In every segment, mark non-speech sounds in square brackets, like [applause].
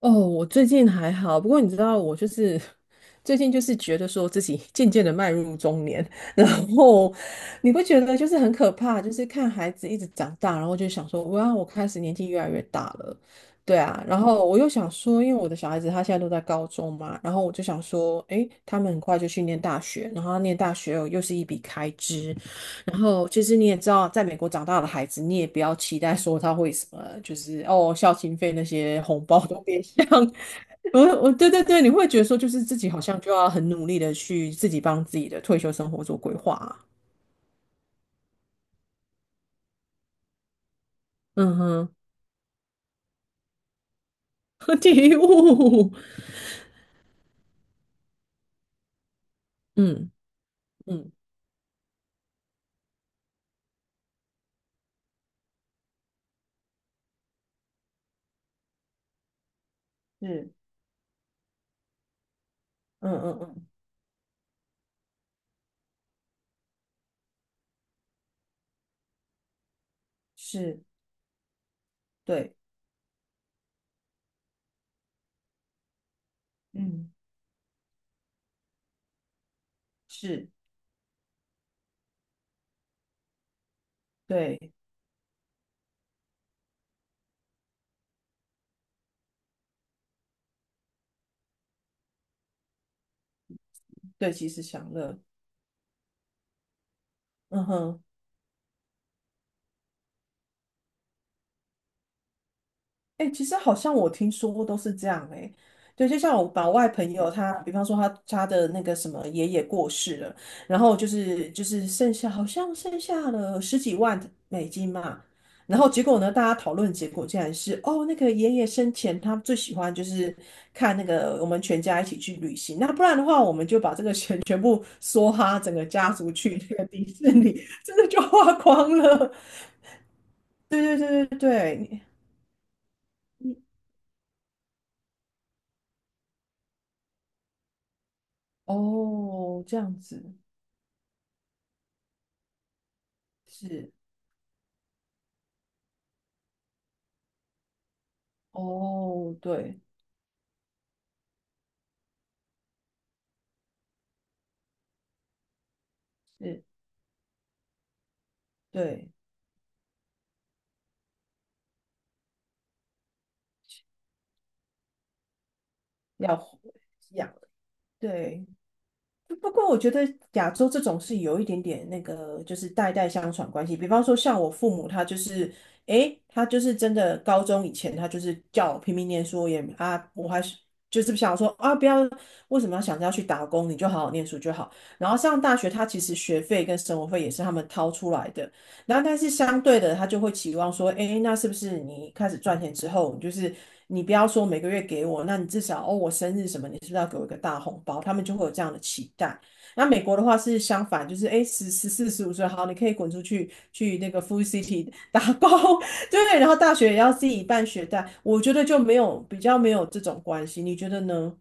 哦，我最近还好，不过你知道，我就是 [laughs] 最近就是觉得说自己 [laughs] 渐渐的迈入中年，然后你不觉得就是很可怕，就是看孩子一直长大，然后就想说，哇，我开始年纪越来越大了，对啊，然后我又想说，因为我的小孩子他现在都在高中嘛，然后我就想说，诶，他们很快就去念大学，然后念大学又是一笔开支，[laughs] 然后其实你也知道，在美国长大的孩子，你也不要期待说他会什么，就是哦，孝心费那些红包都别想。[laughs] 我对对对，你会觉得说，就是自己好像就要很努力的去自己帮自己的退休生活做规划啊嗯哼，[laughs] 体悟，嗯嗯是，嗯嗯嗯，是，对，嗯，是，对，对，其时享乐，嗯哼。哎、欸其实好像我听说都是这样哎、欸对，就像我老外朋友他，比方说他的那个什么爷爷过世了，然后就是剩下好像剩下了十几万美元嘛，然后结果呢，大家讨论结果竟然是哦，那个爷爷生前他最喜欢就是看那个我们全家一起去旅行，那不然的话我们就把这个钱 [laughs] 全部梭哈整个家族去那个迪士尼，真的就花光了。[laughs] 对对对对对，哦，这样子是哦，对，是，对，要养，对。不过我觉得亚洲这种是有一点点那个，就是代代相传关系。比方说像我父母，他就是，诶，他就是真的高中以前，他就是叫我拼命念书，也啊，我还是就是想说啊，不要，为什么要想着要去打工？你就好好念书就好。然后上大学，他其实学费跟生活费也是他们掏出来的。然后，但是相对的，他就会期望说，哎，那是不是你开始赚钱之后，就是你不要说每个月给我，那你至少哦，我生日什么，你是不是要给我一个大红包？他们就会有这样的期待。那美国的话是相反，就是哎，十四十五岁，好，你可以滚出去去那个 Food City 打工，[laughs] 对，然后大学也要自己办学贷。我觉得就没有比较没有这种关系，你觉得呢？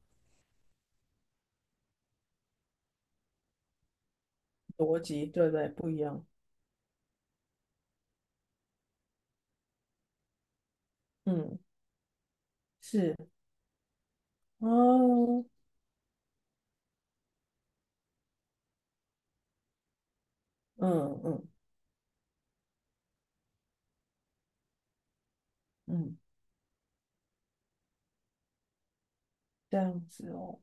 逻辑对不对？不一样，嗯，是哦，嗯嗯嗯，这样子哦。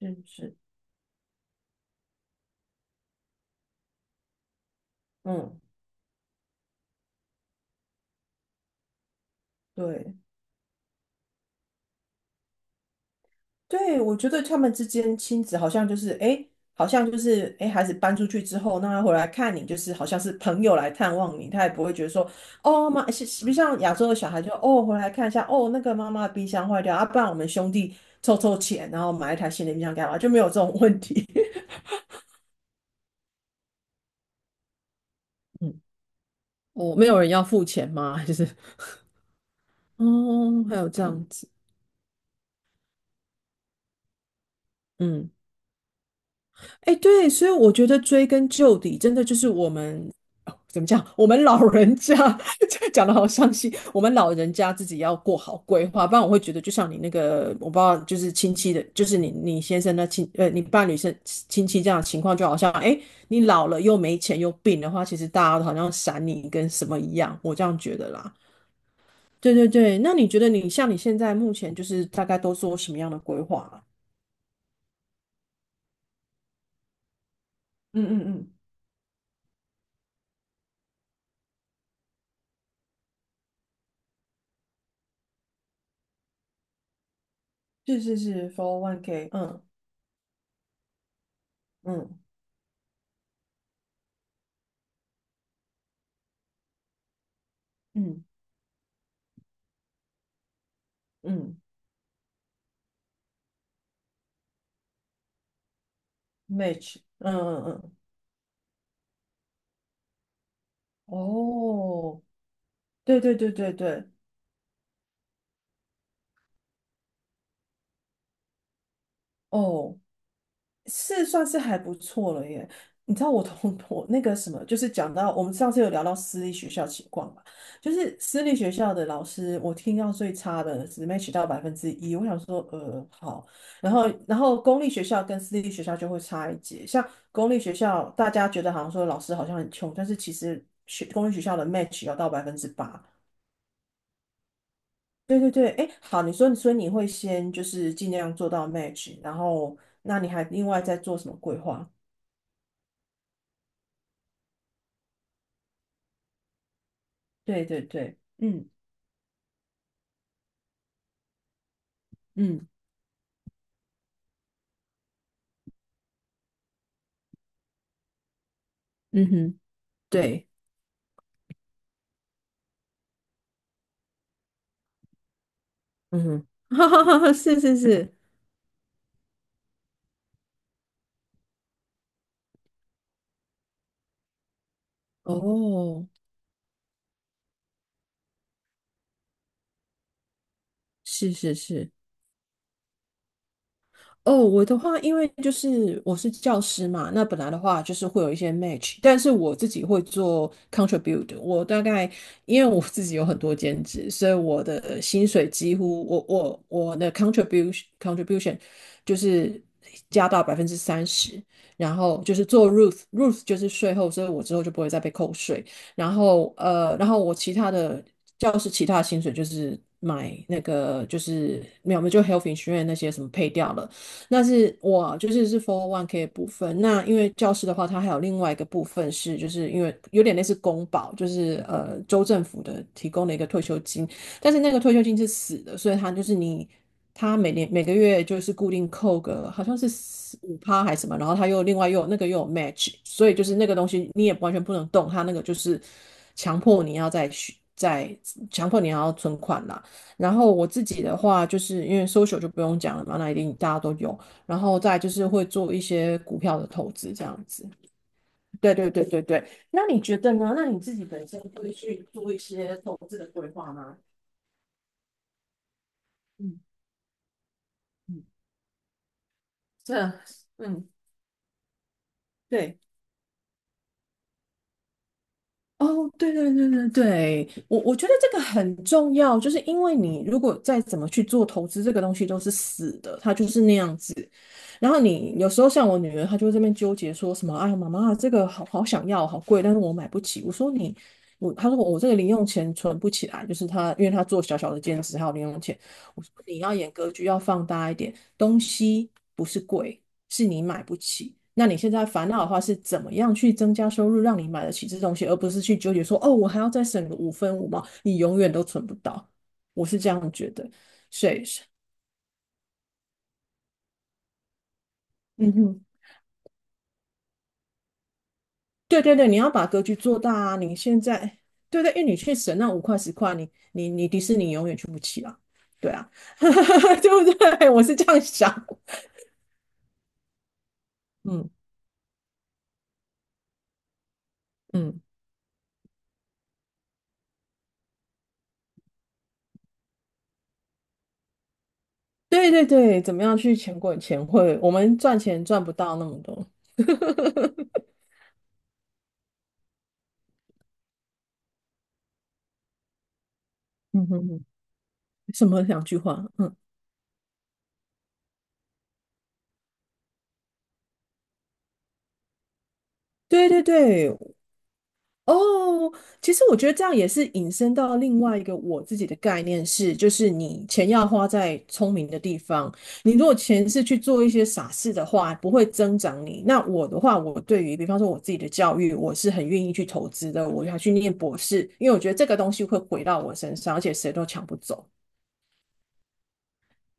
是是，嗯，对对，我觉得他们之间亲子好像就是，哎，好像就是，哎，诶孩子搬出去之后，那他回来看你，就是好像是朋友来探望你，他也不会觉得说，哦妈，是不是像亚洲的小孩就，哦，回来看一下，哦，那个妈妈的冰箱坏掉，啊，不然我们兄弟凑凑钱，然后买一台新的冰箱干嘛，就没有这种问题。[laughs] 嗯，哦，没有人要付钱吗？[laughs] 就是，哦，还有这样子，嗯。哎，对，所以我觉得追根究底，真的就是我们哦怎么讲？我们老人家 [laughs] 这讲的好伤心，我们老人家自己要过好规划，不然我会觉得，就像你那个，我不知道，就是亲戚的，就是你先生的亲，呃，你伴侣是亲戚这样的情况，就好像哎，你老了又没钱又病的话，其实大家都好像闪你跟什么一样，我这样觉得啦。对对对，那你觉得你像你现在目前就是大概都做什么样的规划啊？嗯嗯嗯，是是是 f o r one k 嗯嗯。嗯嗯，match，嗯嗯嗯，哦，对对对对对，哦，是算是还不错了耶。你知道我同 [laughs] 我那个什么，就是讲到我们上次有聊到私立学校情况嘛，就是私立学校的老师，我听到最差的只 match 到1%，我想说，呃，好，然后公立学校跟私立学校就会差一截，像公立学校大家觉得好像说老师好像很穷，但是其实学公立学校的 match 要到8%。对对对，哎，好，你说你说你会先就是尽量做到 match，然后那你还另外再做什么规划？对对对，嗯嗯嗯哼，对，嗯哼，[laughs] 哈哈哈哈，是是是，哦，是是是。哦，我的话，因为就是我是教师嘛，那本来的话就是会有一些 match，但是我自己会做 contribute，我大概因为我自己有很多兼职，所以我的薪水几乎我的 contribution 就是加到30%，然后就是做 Ruth，Ruth 就是税后，所以我之后就不会再被扣税，然后呃，然后我其他的教师其他的薪水就是买那个就是没有，我们就 health insurance 那些什么配掉了。那是我就是是 f o r One K 的部分。那因为教师的话，它还有另外一个部分是，就是因为有点类似公保，就是呃州政府的提供的一个退休金，但是那个退休金是死的，所以他就是你。他每年每个月就是固定扣个好像是5%还是什么，然后他又另外又有那个又有 match，所以就是那个东西你也完全不能动，他那个就是强迫你要再续再强迫你要存款啦。然后我自己的话，就是因为 social 就不用讲了嘛，那一定大家都有。然后再就是会做一些股票的投资这样子。对对对对对，那你觉得呢？那你自己本身会去做一些投资的规划吗？嗯嗯，这嗯对，哦，对对对对对，我我觉得这个很重要，就是因为你如果再怎么去做投资，这个东西都是死的，它就是那样子。然后你有时候像我女儿，她就会这边纠结说什么，哎呀，妈妈，这个好好想要，好贵，但是我买不起。我说你，我，她说我这个零用钱存不起来，就是她，因为她做小小的兼职还有零用钱。我说你要演格局要放大一点，东西不是贵，是你买不起。那你现在烦恼的话是怎么样去增加收入，让你买得起这东西，而不是去纠结说，哦，我还要再省个五分五毛，你永远都存不到。我是这样觉得，所以，嗯哼。对对对，你要把格局做大啊！你现在，对对，因为你去省那5块10块，你你你迪士尼永远去不起啊！对啊，[laughs] 对不对？[laughs] 我是这样想，嗯嗯，对对对，怎么样去钱滚钱会？我们赚钱赚不到那么多，嗯哼哼，什么两句话？嗯，对对对，哦，其实我觉得这样也是引申到另外一个我自己的概念是，就是你钱要花在聪明的地方。你如果钱是去做一些傻事的话，不会增长你。那我的话，我对于比方说我自己的教育，我是很愿意去投资的，我要去念博士，因为我觉得这个东西会回到我身上，而且谁都抢不走。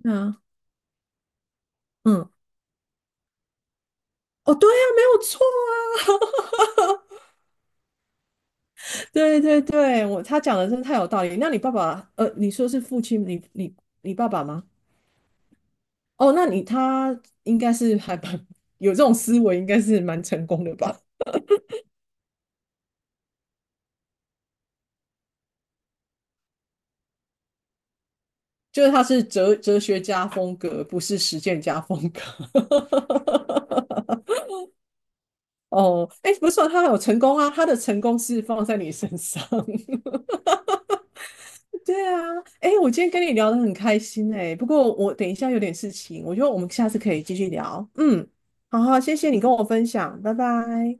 那嗯，哦，对呀，没有错啊，[laughs] 对对对，我他讲的真的太有道理。那你爸爸，呃，你说是父亲，你爸爸吗？哦，那你他应该是还蛮 [laughs] 有这种思维，应该是蛮成功的吧？就是他是哲学家风格，不是实践家风格。[laughs] 哦，哎，不是啊，他有成功啊，他的成功是放在你身上。[laughs] 对啊，哎，我今天跟你聊得很开心哎，不过我等一下有点事情，我觉得我们下次可以继续聊。嗯，好好，谢谢你跟我分享，拜拜。